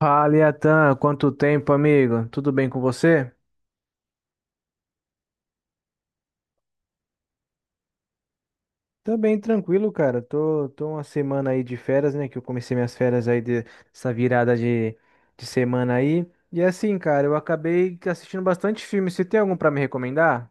Fala, Iatan, quanto tempo, amigo? Tudo bem com você? Também tranquilo, cara. Tô uma semana aí de férias, né? Que eu comecei minhas férias dessa virada de semana aí. E assim, cara, eu acabei assistindo bastante filme. Você tem algum pra me recomendar?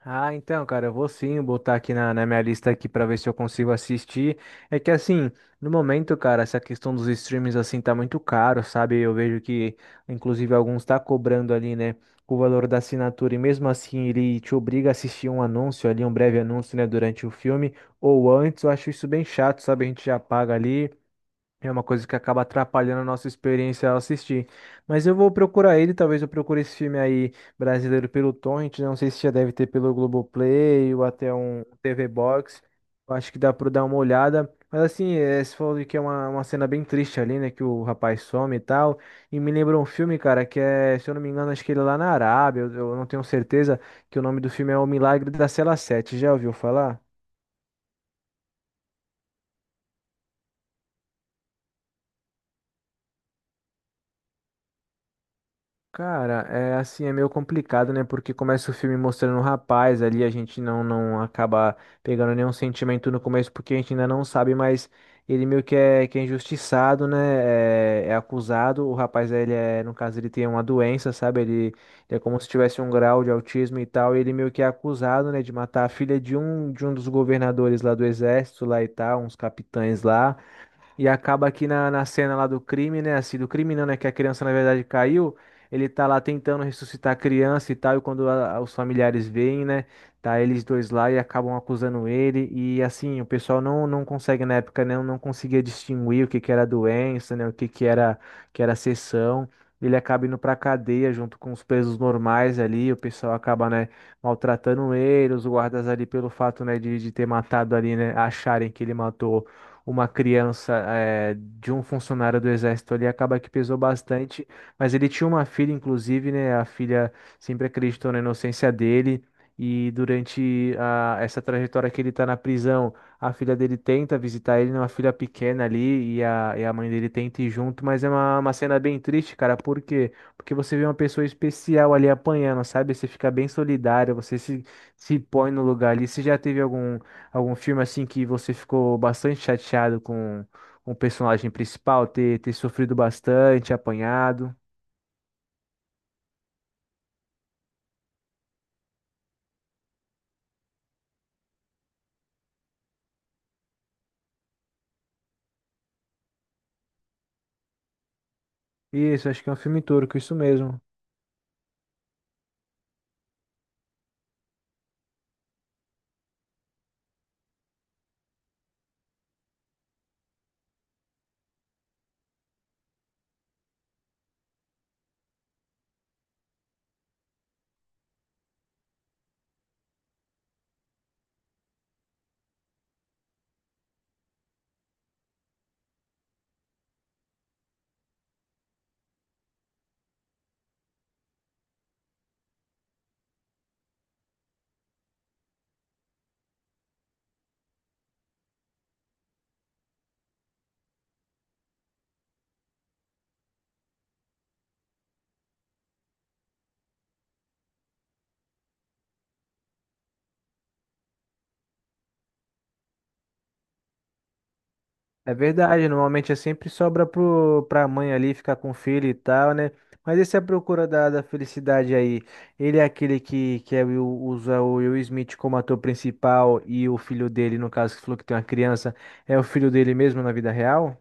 Ah, então, cara, eu vou sim botar aqui na minha lista aqui para ver se eu consigo assistir. É que assim, no momento, cara, essa questão dos streams assim tá muito caro, sabe? Eu vejo que, inclusive, alguns tá cobrando ali, né, o valor da assinatura e mesmo assim ele te obriga a assistir um anúncio ali, um breve anúncio, né, durante o filme ou antes. Eu acho isso bem chato, sabe? A gente já paga ali. É uma coisa que acaba atrapalhando a nossa experiência ao assistir. Mas eu vou procurar ele, talvez eu procure esse filme aí brasileiro pelo Torrent, né? Não sei se já deve ter pelo Globoplay ou até um TV Box. Eu acho que dá para dar uma olhada. Mas assim, é, você falou que é uma cena bem triste ali, né? Que o rapaz some e tal. E me lembrou um filme, cara, que é, se eu não me engano, acho que ele é lá na Arábia, eu não tenho certeza, que o nome do filme é O Milagre da Cela Sete. Já ouviu falar? Cara, é assim, é meio complicado, né? Porque começa o filme mostrando um rapaz ali, a gente não acaba pegando nenhum sentimento no começo, porque a gente ainda não sabe, mas ele meio que é injustiçado, né? É, é acusado. O rapaz, ele é, no caso, ele tem uma doença, sabe? Ele é como se tivesse um grau de autismo e tal, e ele meio que é acusado, né, de matar a filha de um dos governadores lá do exército, lá e tal, uns capitães lá. E acaba aqui na cena lá do crime, né? Assim, do crime não, né? Que a criança, na verdade, caiu. Ele tá lá tentando ressuscitar a criança e tal. E quando os familiares veem, né? Tá eles dois lá e acabam acusando ele. E assim, o pessoal não consegue, na época, né? Não conseguia distinguir o que que era doença, né? O que que era sessão. Ele acaba indo pra cadeia junto com os presos normais ali. O pessoal acaba, né? Maltratando ele. Os guardas ali, pelo fato, né? De ter matado ali, né? Acharem que ele matou uma criança é, de um funcionário do exército ali, acaba que pesou bastante. Mas ele tinha uma filha, inclusive, né? A filha sempre acreditou na inocência dele. E durante essa trajetória que ele tá na prisão, a filha dele tenta visitar ele, né, uma filha pequena ali, e a mãe dele tenta ir junto, mas é uma cena bem triste, cara. Por quê? Porque você vê uma pessoa especial ali apanhando, sabe? Você fica bem solidário, você se, se põe no lugar ali. Você já teve algum Algum filme assim que você ficou bastante chateado com o personagem principal ter sofrido bastante, apanhado? Isso, acho que é um filme turco, isso mesmo. É verdade, normalmente é sempre sobra pra mãe ali ficar com o filho e tal, né? Mas esse é a procura da felicidade aí. Ele é aquele que é usa o Will Smith como ator principal e o filho dele, no caso, que falou que tem uma criança, é o filho dele mesmo na vida real?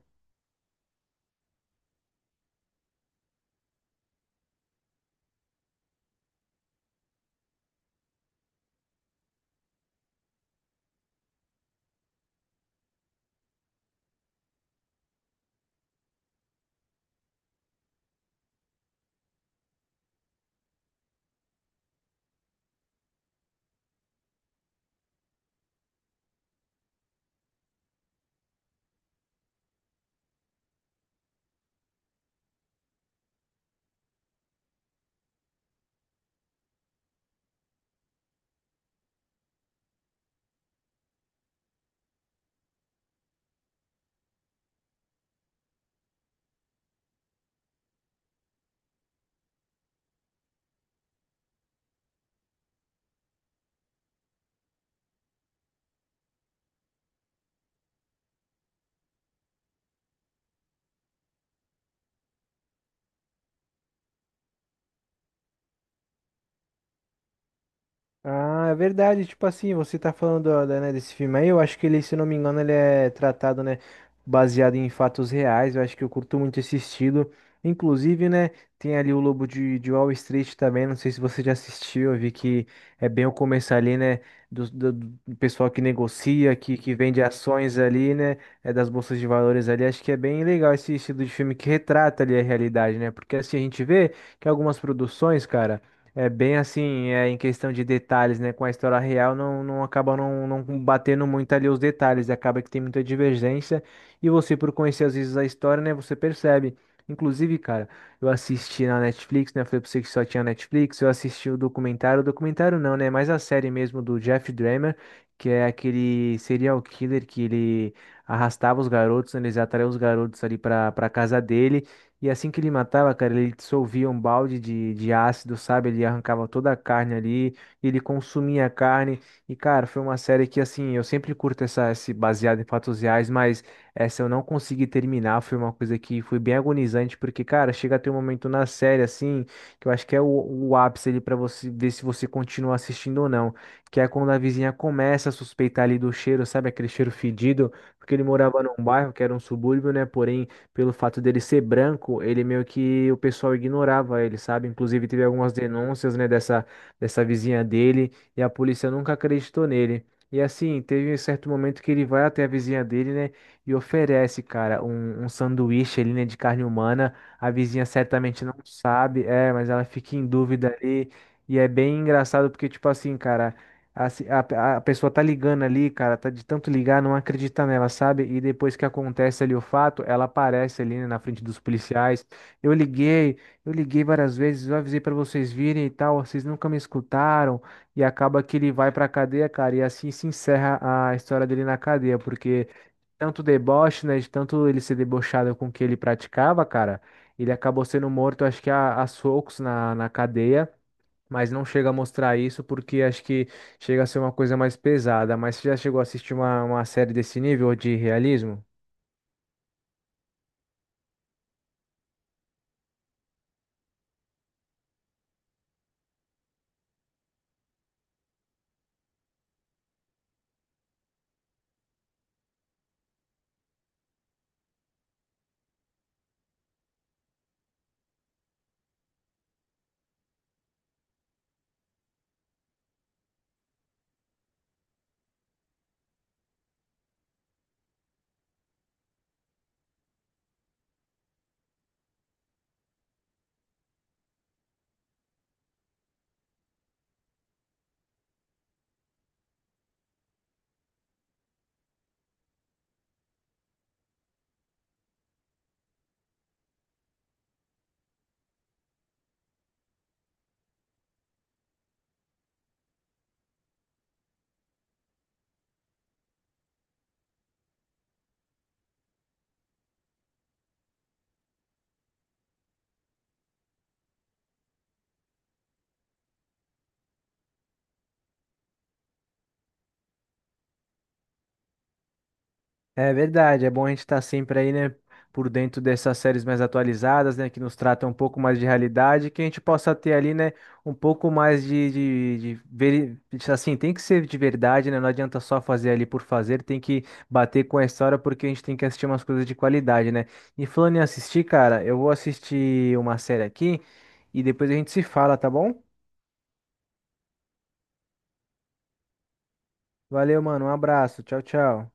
Ah, é verdade, tipo assim, você tá falando, ó, né, desse filme aí, eu acho que ele, se não me engano, ele é tratado, né, baseado em fatos reais, eu acho que eu curto muito esse estilo, inclusive, né, tem ali o Lobo de Wall Street também, não sei se você já assistiu, eu vi que é bem o começo ali, né, do, do, do pessoal que negocia, que vende ações ali, né, é das bolsas de valores ali, acho que é bem legal esse estilo de filme que retrata ali a realidade, né, porque assim, a gente vê que algumas produções, cara é bem assim, é em questão de detalhes, né? Com a história real, não acaba não batendo muito ali os detalhes, acaba que tem muita divergência. E você, por conhecer às vezes a história, né? Você percebe. Inclusive, cara, eu assisti na Netflix, né? Eu falei pra você que só tinha Netflix. Eu assisti o documentário não, né? Mas a série mesmo do Jeff Dahmer, que é aquele serial killer que ele arrastava os garotos, né, eles atraía os garotos ali pra casa dele. E assim que ele matava, cara, ele dissolvia um balde de ácido, sabe? Ele arrancava toda a carne ali, ele consumia a carne. E, cara, foi uma série que, assim, eu sempre curto essa, esse baseado em fatos reais, mas essa eu não consegui terminar. Foi uma coisa que foi bem agonizante, porque, cara, chega a ter um momento na série, assim, que eu acho que é o ápice ali pra você ver se você continua assistindo ou não. Que é quando a vizinha começa a suspeitar ali do cheiro, sabe? Aquele cheiro fedido, porque ele morava num bairro que era um subúrbio, né? Porém pelo fato dele ser branco, ele meio que o pessoal ignorava ele, sabe? Inclusive teve algumas denúncias, né, dessa vizinha dele e a polícia nunca acreditou nele. E assim, teve um certo momento que ele vai até a vizinha dele, né, e oferece, cara, um sanduíche ali, né, de carne humana. A vizinha certamente não sabe, é, mas ela fica em dúvida ali. E é bem engraçado porque, tipo assim, cara. A, se- a pessoa tá ligando ali, cara, tá de tanto ligar, não acredita nela, sabe? E depois que acontece ali o fato, ela aparece ali, né, na frente dos policiais. Eu liguei, eu liguei várias vezes, eu avisei pra vocês virem e tal, vocês nunca me escutaram. E acaba que ele vai pra cadeia, cara, e assim se encerra a história dele na cadeia, porque tanto deboche, né, de tanto ele ser debochado com o que ele praticava, cara, ele acabou sendo morto, acho que a socos na cadeia, mas não chega a mostrar isso porque acho que chega a ser uma coisa mais pesada. Mas você já chegou a assistir uma série desse nível de realismo? É verdade, é bom a gente estar sempre aí, né, por dentro dessas séries mais atualizadas, né, que nos tratam um pouco mais de realidade, que a gente possa ter ali, né, um pouco mais de veri- assim, tem que ser de verdade, né, não adianta só fazer ali por fazer, tem que bater com a história porque a gente tem que assistir umas coisas de qualidade, né. E falando em assistir, cara, eu vou assistir uma série aqui e depois a gente se fala, tá bom? Valeu, mano, um abraço, tchau, tchau.